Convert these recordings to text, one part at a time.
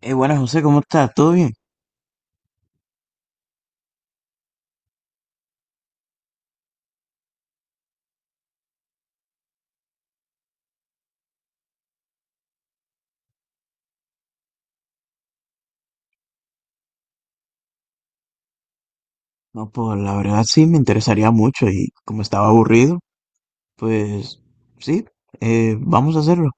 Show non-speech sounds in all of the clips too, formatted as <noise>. Buenas, José, ¿cómo estás? ¿Todo bien? No, pues la verdad sí me interesaría mucho y como estaba aburrido, pues sí, vamos a hacerlo.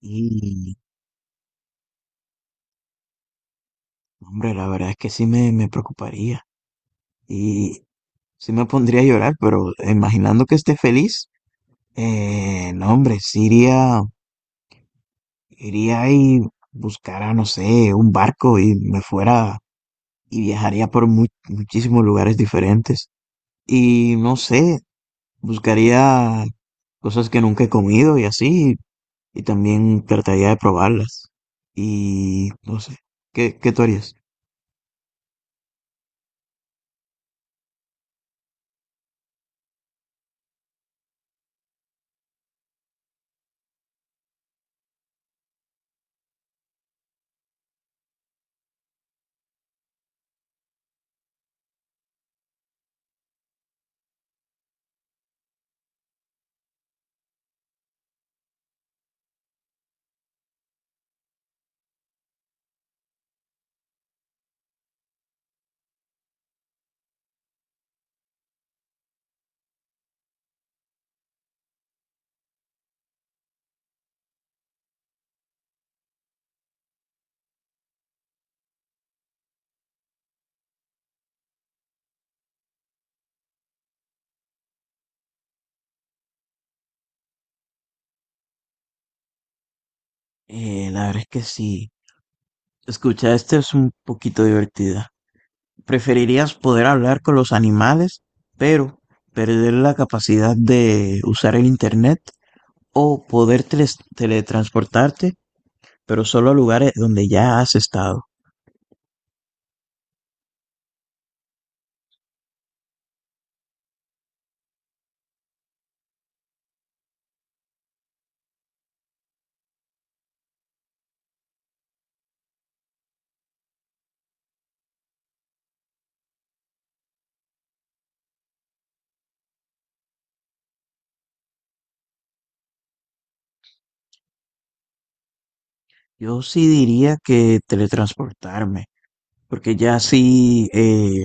Y, hombre, la verdad es que sí me preocuparía y sí me pondría a llorar, pero imaginando que esté feliz, no, hombre, sí iría, iría y buscara, no sé, un barco y me fuera y viajaría por muchísimos lugares diferentes. Y no sé, buscaría cosas que nunca he comido y así, y también trataría de probarlas. Y no sé, ¿qué tú harías? La verdad es que sí. Escucha, esta es un poquito divertida. ¿Preferirías poder hablar con los animales, pero perder la capacidad de usar el internet o poder teletransportarte, pero solo a lugares donde ya has estado? Yo sí diría que teletransportarme, porque ya sí,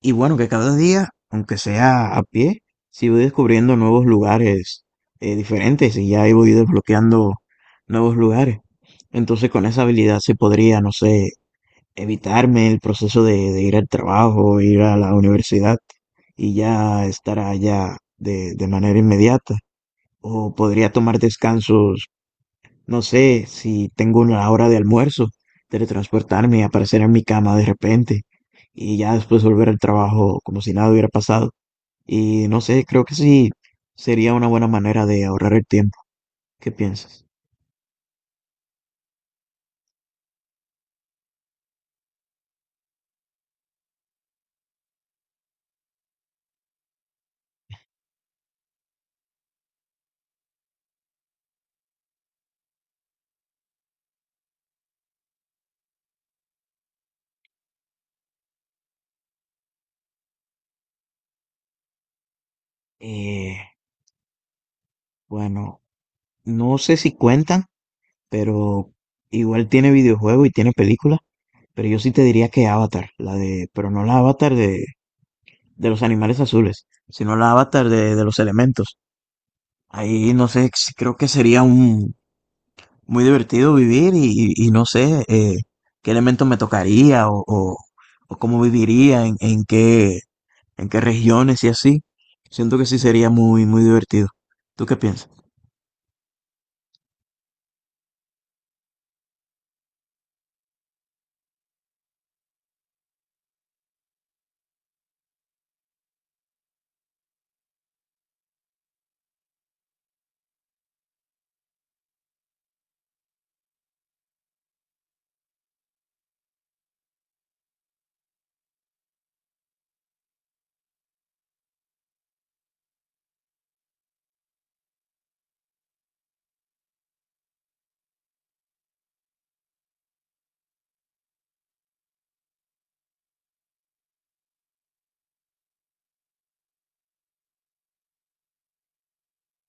y bueno, que cada día, aunque sea a pie, sí voy descubriendo nuevos lugares diferentes, y ya ahí voy desbloqueando nuevos lugares. Entonces con esa habilidad se podría, no sé, evitarme el proceso de ir al trabajo, ir a la universidad y ya estar allá de manera inmediata. O podría tomar descansos, no sé, si tengo una hora de almuerzo, teletransportarme y aparecer en mi cama de repente y ya después volver al trabajo como si nada hubiera pasado. Y no sé, creo que sí sería una buena manera de ahorrar el tiempo. ¿Qué piensas? Eh, bueno, no sé si cuentan, pero igual tiene videojuego y tiene película, pero yo sí te diría que Avatar, la de, pero no la Avatar de los animales azules, sino la Avatar de los elementos. Ahí no sé, creo que sería un, muy divertido vivir y, y no sé, qué elemento me tocaría, o cómo viviría, en qué regiones y así. Siento que sí sería muy, muy divertido. ¿Tú qué piensas?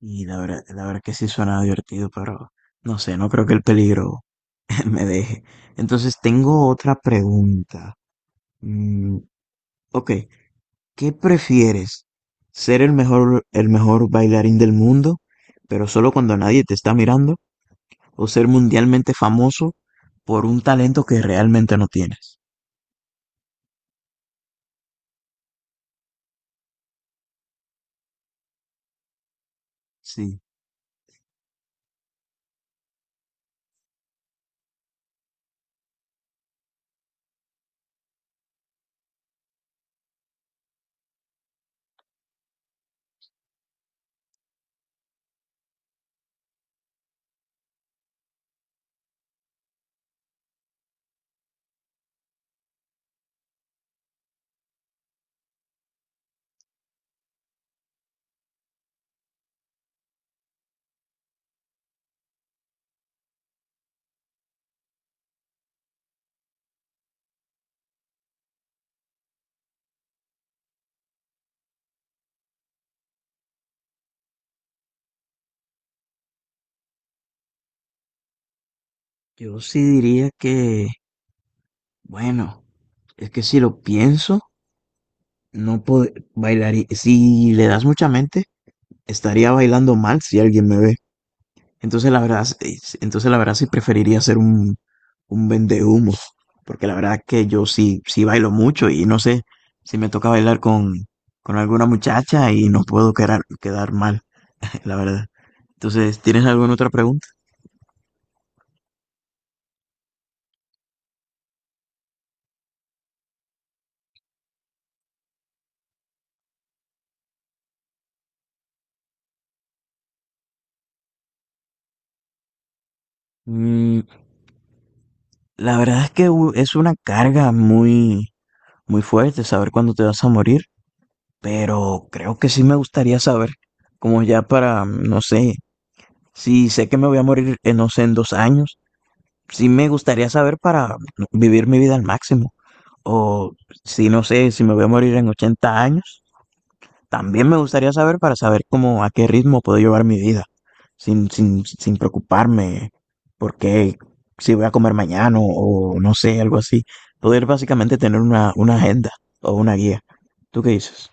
Y la verdad que sí suena divertido, pero no sé, no creo que el peligro <laughs> me deje. Entonces tengo otra pregunta. Mm, ok, ¿qué prefieres? ¿Ser el mejor bailarín del mundo, pero solo cuando nadie te está mirando, o ser mundialmente famoso por un talento que realmente no tienes? Sí, yo sí diría que, bueno, es que si lo pienso, no puedo bailar. Si le das mucha mente, estaría bailando mal si alguien me ve. Entonces la verdad, entonces la verdad sí preferiría ser un vendehumos, porque la verdad que yo sí, sí bailo mucho y no sé si me toca bailar con alguna muchacha y no puedo quedar mal. La verdad. Entonces, ¿tienes alguna otra pregunta? Mm, la verdad es que es una carga muy, muy fuerte saber cuándo te vas a morir, pero creo que sí me gustaría saber, como ya para, no sé, si sé que me voy a morir en, no sé, en 2 años. Sí me gustaría saber para vivir mi vida al máximo. O si no sé, si me voy a morir en 80 años, también me gustaría saber para saber cómo, a qué ritmo puedo llevar mi vida, sin preocuparme por qué, si voy a comer mañana o no sé, algo así. Poder básicamente tener una agenda o una guía. ¿Tú qué dices?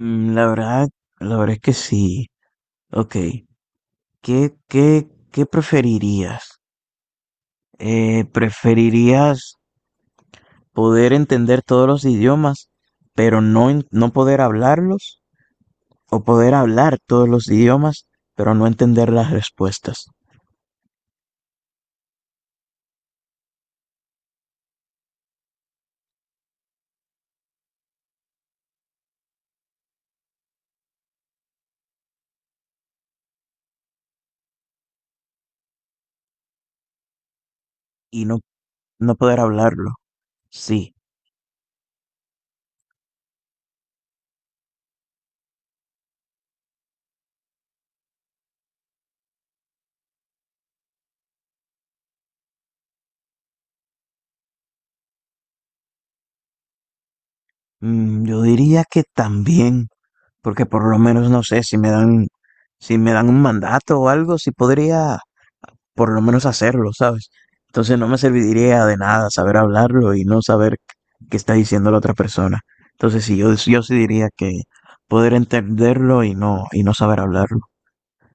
Mm, la verdad, la verdad es que sí. Ok. ¿Qué preferirías? ¿Preferirías poder entender todos los idiomas, pero no poder hablarlos, o poder hablar todos los idiomas, pero no entender las respuestas y no, no poder hablarlo? Sí. Mm, yo diría que también, porque por lo menos no sé si me dan, si me dan un mandato o algo, si podría por lo menos hacerlo, ¿sabes? Entonces no me serviría de nada saber hablarlo y no saber qué está diciendo la otra persona. Entonces sí, yo sí diría que poder entenderlo y no saber hablarlo.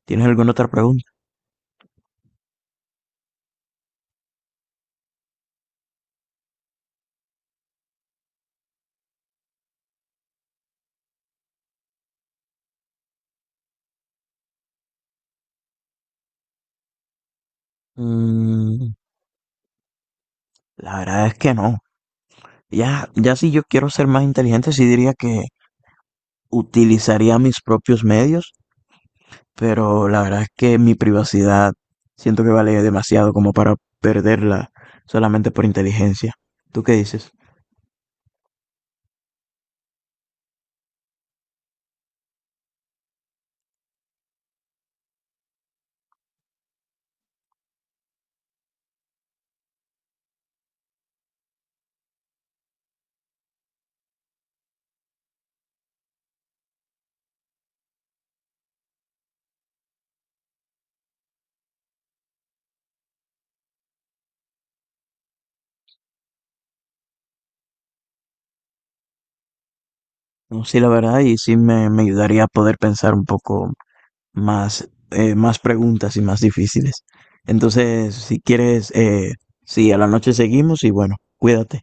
¿Tienes alguna otra pregunta? Mm, la verdad es que no. Ya, ya si yo quiero ser más inteligente, sí diría que utilizaría mis propios medios, pero la verdad es que mi privacidad siento que vale demasiado como para perderla solamente por inteligencia. ¿Tú qué dices? No, sí, la verdad, y sí me ayudaría a poder pensar un poco más, más preguntas y más difíciles. Entonces, si quieres, sí, a la noche seguimos y bueno, cuídate.